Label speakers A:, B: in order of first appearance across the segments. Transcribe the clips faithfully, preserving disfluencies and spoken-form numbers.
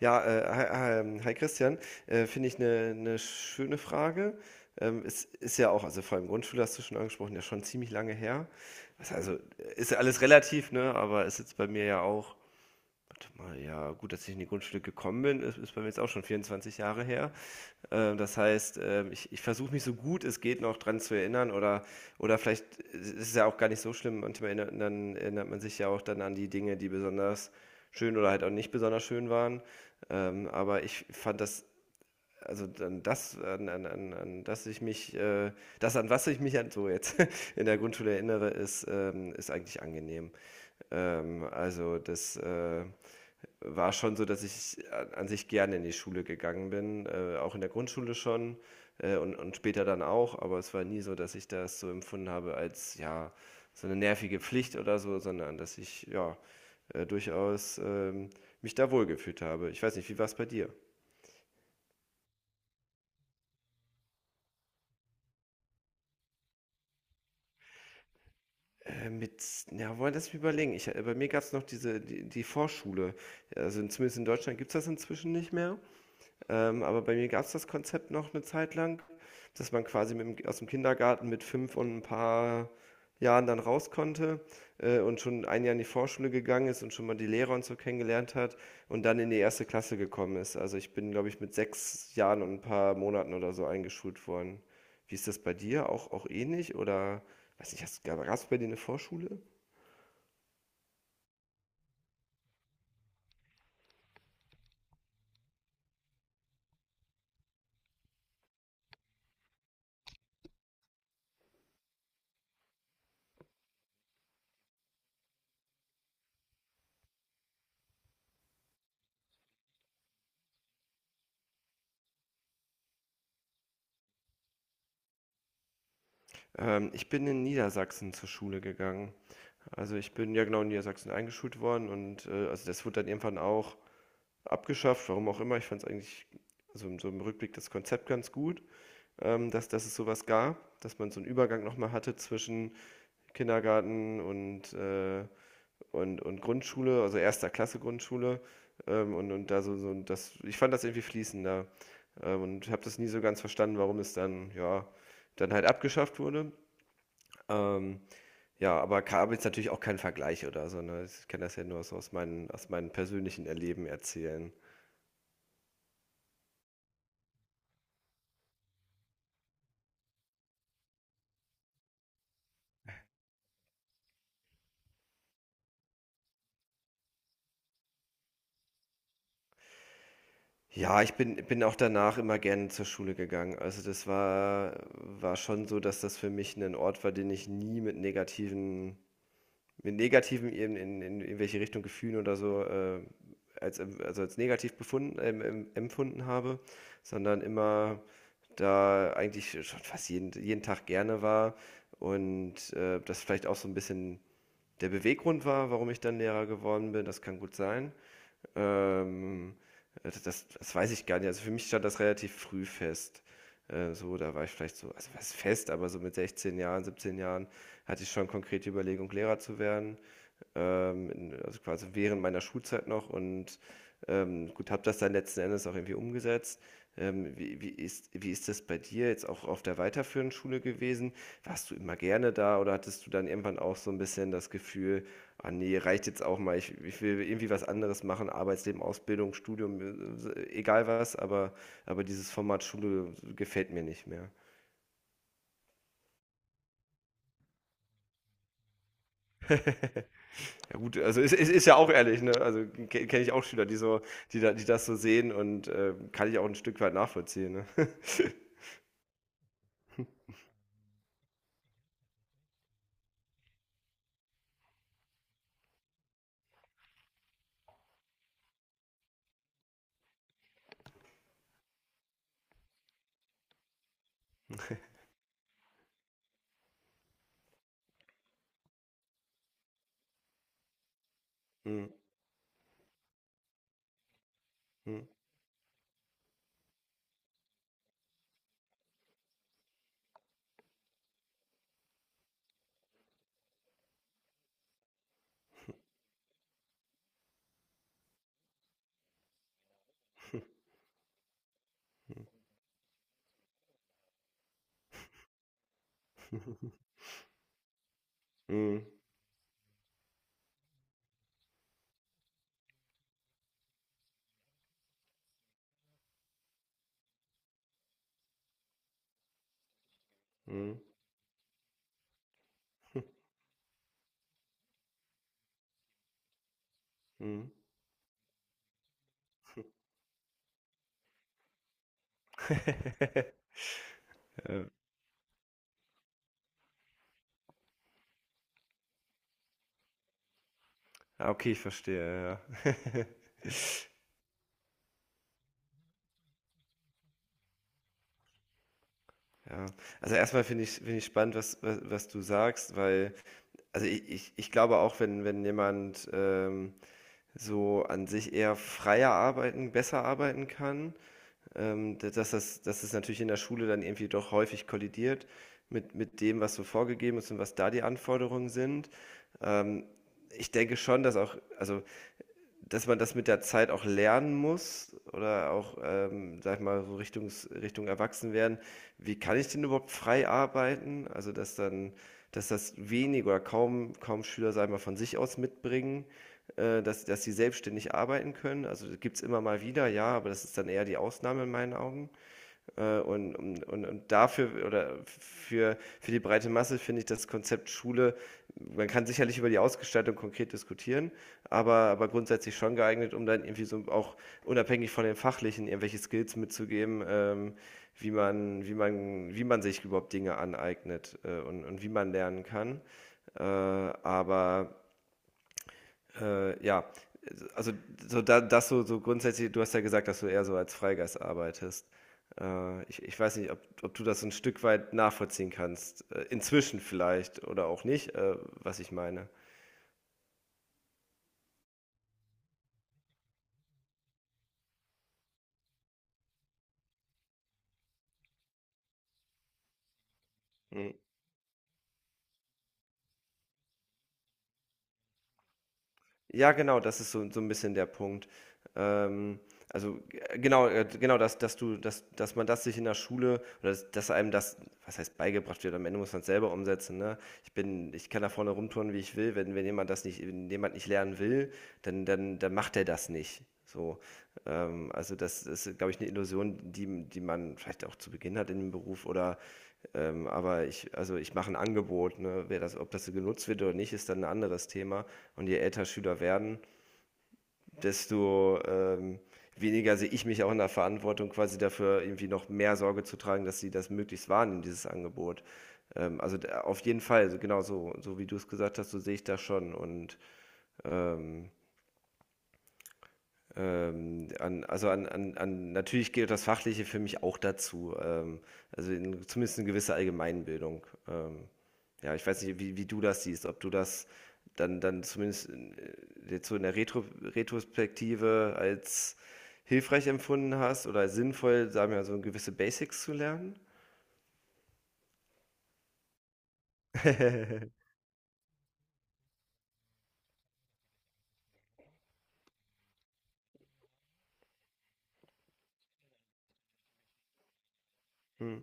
A: Ja, äh, hi, ähm, hi Christian, äh, finde ich eine eine schöne Frage. Ähm, es ist ja auch, also vor allem Grundschule hast du schon angesprochen, ja schon ziemlich lange her. Das- Also äh, ist ja alles relativ, ne? Aber ist jetzt bei mir ja auch. Zumal ja, gut, dass ich in die Grundschule gekommen bin, ist, ist bei mir jetzt auch schon vierundzwanzig Jahre her. Ähm, das heißt, ähm, ich, ich, versuche mich so gut es geht noch dran zu erinnern oder, oder vielleicht ist es ja auch gar nicht so schlimm. Manchmal erinnert, dann erinnert man sich ja auch dann an die Dinge, die besonders schön oder halt auch nicht besonders schön waren. Ähm, aber ich fand das, also dann das, an, an, an, an das ich mich, äh, das an was ich mich an, so jetzt in der Grundschule erinnere, ist, ähm, ist eigentlich angenehm. Ähm, also das, äh, war schon so, dass ich an an sich gerne in die Schule gegangen bin, äh, auch in der Grundschule schon, äh, und, und später dann auch, aber es war nie so, dass ich das so empfunden habe als, ja, so eine nervige Pflicht oder so, sondern dass ich, ja, äh, durchaus ähm, mich da wohlgefühlt habe. Ich weiß nicht, wie war es bei dir? Äh, mit, ja, wollen das überlegen. Ich, äh, bei mir gab es noch diese, die, die Vorschule. Also in, zumindest in Deutschland gibt es das inzwischen nicht mehr. Ähm, aber bei mir gab es das Konzept noch eine Zeit lang, dass man quasi mit dem, aus dem Kindergarten mit fünf und ein paar Jahren dann raus konnte, äh, und schon ein Jahr in die Vorschule gegangen ist und schon mal die Lehrer und so kennengelernt hat und dann in die erste Klasse gekommen ist. Also ich bin, glaube ich, mit sechs Jahren und ein paar Monaten oder so eingeschult worden. Wie ist das bei dir? Auch, auch ähnlich? Oder weiß nicht, gab es bei dir eine Vorschule? Ähm, ich bin in Niedersachsen zur Schule gegangen. Also ich bin ja genau in Niedersachsen eingeschult worden und äh, also das wurde dann irgendwann auch abgeschafft, warum auch immer. Ich fand es eigentlich, also in so im Rückblick, das Konzept ganz gut, ähm, dass, dass es sowas gab, dass man so einen Übergang nochmal hatte zwischen Kindergarten und, äh, und, und Grundschule, also erster Klasse Grundschule. Ähm, und, und da so, so das, Ich fand das irgendwie fließender, ähm, und habe das nie so ganz verstanden, warum es dann, ja, dann halt abgeschafft wurde. Ähm, ja, aber ka- habe jetzt natürlich auch kein Vergleich oder so. Ne? Ich kann das ja nur so aus, meinen, aus meinen persönlichen Erleben erzählen. Ja, ich bin bin auch danach immer gerne zur Schule gegangen. Also, das war war schon so, dass das für mich ein Ort war, den ich nie mit negativen mit negativen in in in irgendwelche Richtung Gefühlen oder so, äh, als em also, als negativ befunden ähm, em empfunden habe, sondern immer da eigentlich schon fast jeden jeden Tag gerne war und, äh, das vielleicht auch so ein bisschen der Beweggrund war, warum ich dann Lehrer geworden bin, das kann gut sein. Ähm, das das weiß ich gar nicht. Also, für mich stand das relativ früh fest. Äh, so, da war ich vielleicht so also, was fest, aber so mit sechzehn Jahren, siebzehn Jahren hatte ich schon konkrete Überlegung, Lehrer zu werden, ähm, in- also quasi während meiner Schulzeit noch und ähm, gut, habe das dann letzten Endes auch irgendwie umgesetzt. Ähm, wie, wie ist, wie ist das bei dir jetzt auch auf der weiterführenden Schule gewesen? Warst du immer gerne da oder hattest du dann irgendwann auch so ein bisschen das Gefühl, ah nee, reicht jetzt auch mal, ich, ich will irgendwie was anderes machen, Arbeitsleben, Ausbildung, Studium, äh, egal was, aber, aber dieses Format Schule gefällt mir nicht mehr. Ja gut, also es ist, ist, ist ja auch ehrlich, ne? Also ke- kenne ich auch Schüler, die so, die da, die das so sehen und äh, kann ich auch ein Stück weit nachvollziehen, ne? Mhm. Mhm. Mhm. Mhm. Mhm. Ja. Ah, okay, ich verstehe, ja. Ja. Also erstmal finde ich, finde ich spannend, was, was, was du sagst, weil, also ich, ich, ich glaube auch, wenn, wenn jemand ähm, so an sich eher freier arbeiten, besser arbeiten kann, ähm, dass das, dass es natürlich in der Schule dann irgendwie doch häufig kollidiert mit, mit dem, was so vorgegeben ist und was da die Anforderungen sind. Ähm, Ich denke schon, dass auch, also dass man das mit der Zeit auch lernen muss oder auch, ähm, sage ich mal, so Richtung Richtung Erwachsenwerden. Wie kann ich denn überhaupt frei arbeiten? Also, dass dann dass das wenig oder kaum kaum Schüler, sage ich mal, von sich aus mitbringen, äh, dass dass sie selbstständig arbeiten können. Also, gibt's immer mal wieder, ja, aber das ist dann eher die Ausnahme in meinen Augen. Äh, Und, und, und dafür oder für, für die breite Masse finde ich das Konzept Schule, man kann sicherlich über die Ausgestaltung konkret diskutieren, aber, aber grundsätzlich schon geeignet, um dann irgendwie so auch unabhängig von den fachlichen irgendwelche Skills mitzugeben, ähm, wie man, wie man, wie man sich überhaupt Dinge aneignet äh, und, und wie man lernen kann. Äh, aber äh, ja, also so da, das so, so grundsätzlich, du hast ja gesagt, dass du eher so als Freigeist arbeitest. Äh, ich, ich weiß nicht, ob, ob du das so ein Stück weit nachvollziehen kannst. Äh, inzwischen vielleicht oder auch nicht, äh, was ich meine. Ja, genau, das ist so so ein bisschen der Punkt. Ähm, also, g genau, äh, genau, dass dass du dass dass man das sich in der Schule oder dass dass einem das, was heißt, beigebracht wird, am Ende muss man es selber umsetzen, ne? Ich bin ich kann da vorne rumtouren, wie ich will, wenn wenn jemand das nicht wenn jemand nicht lernen will, dann dann dann macht er das nicht, so. Ähm, also, das ist, glaube ich, eine Illusion, die die man vielleicht auch zu Beginn hat in dem Beruf oder ähm, aber ich, also ich mache ein Angebot, ne? Wer das, ob das so genutzt wird oder nicht, ist dann ein anderes Thema. Und je älter Schüler werden, desto ähm, weniger sehe ich mich auch in der Verantwortung, quasi dafür irgendwie noch mehr Sorge zu tragen, dass sie das möglichst wahrnehmen, dieses Angebot. Ähm, also da- auf jeden Fall, also genau so, so wie du es gesagt hast, so sehe ich das schon. Und ähm, Ähm, an, also an, an, an, natürlich gehört das Fachliche für mich auch dazu. Ähm, also in, zumindest eine gewisse Allgemeinbildung. Ähm, ja, ich weiß nicht, wie, wie du das siehst, ob du das dann, dann zumindest in- äh, jetzt so in der Retro Retrospektive als hilfreich empfunden hast oder als sinnvoll, sagen wir mal, so gewisse Basics zu lernen. Hm,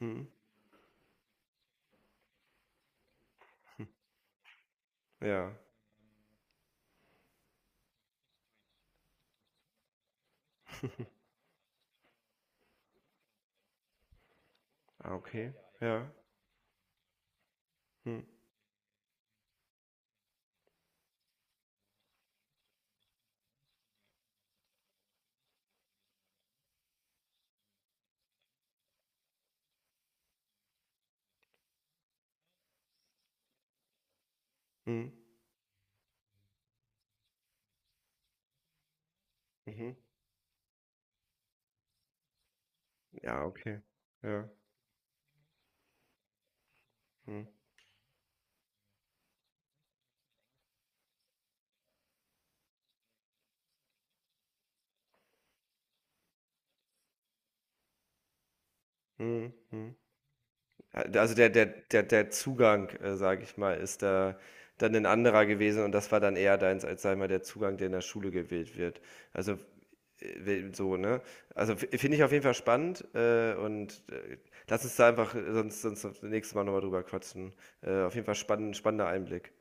A: hm, ja, ah, okay, ja, hm, hm, mhm. Ja, okay, ja, hm, hm, hm. Also der, der, der, der Zugang, äh, sage ich mal, ist da dann ein anderer gewesen und das war dann eher deins, als sei mal der Zugang, der in der Schule gewählt wird. Also äh, we- so, ne? Also f- finde ich auf jeden Fall spannend, äh, und äh, lass uns da einfach, äh, sonst, sonst das nächste Mal nochmal drüber quatschen. Äh, auf jeden Fall spannend, spannender Einblick.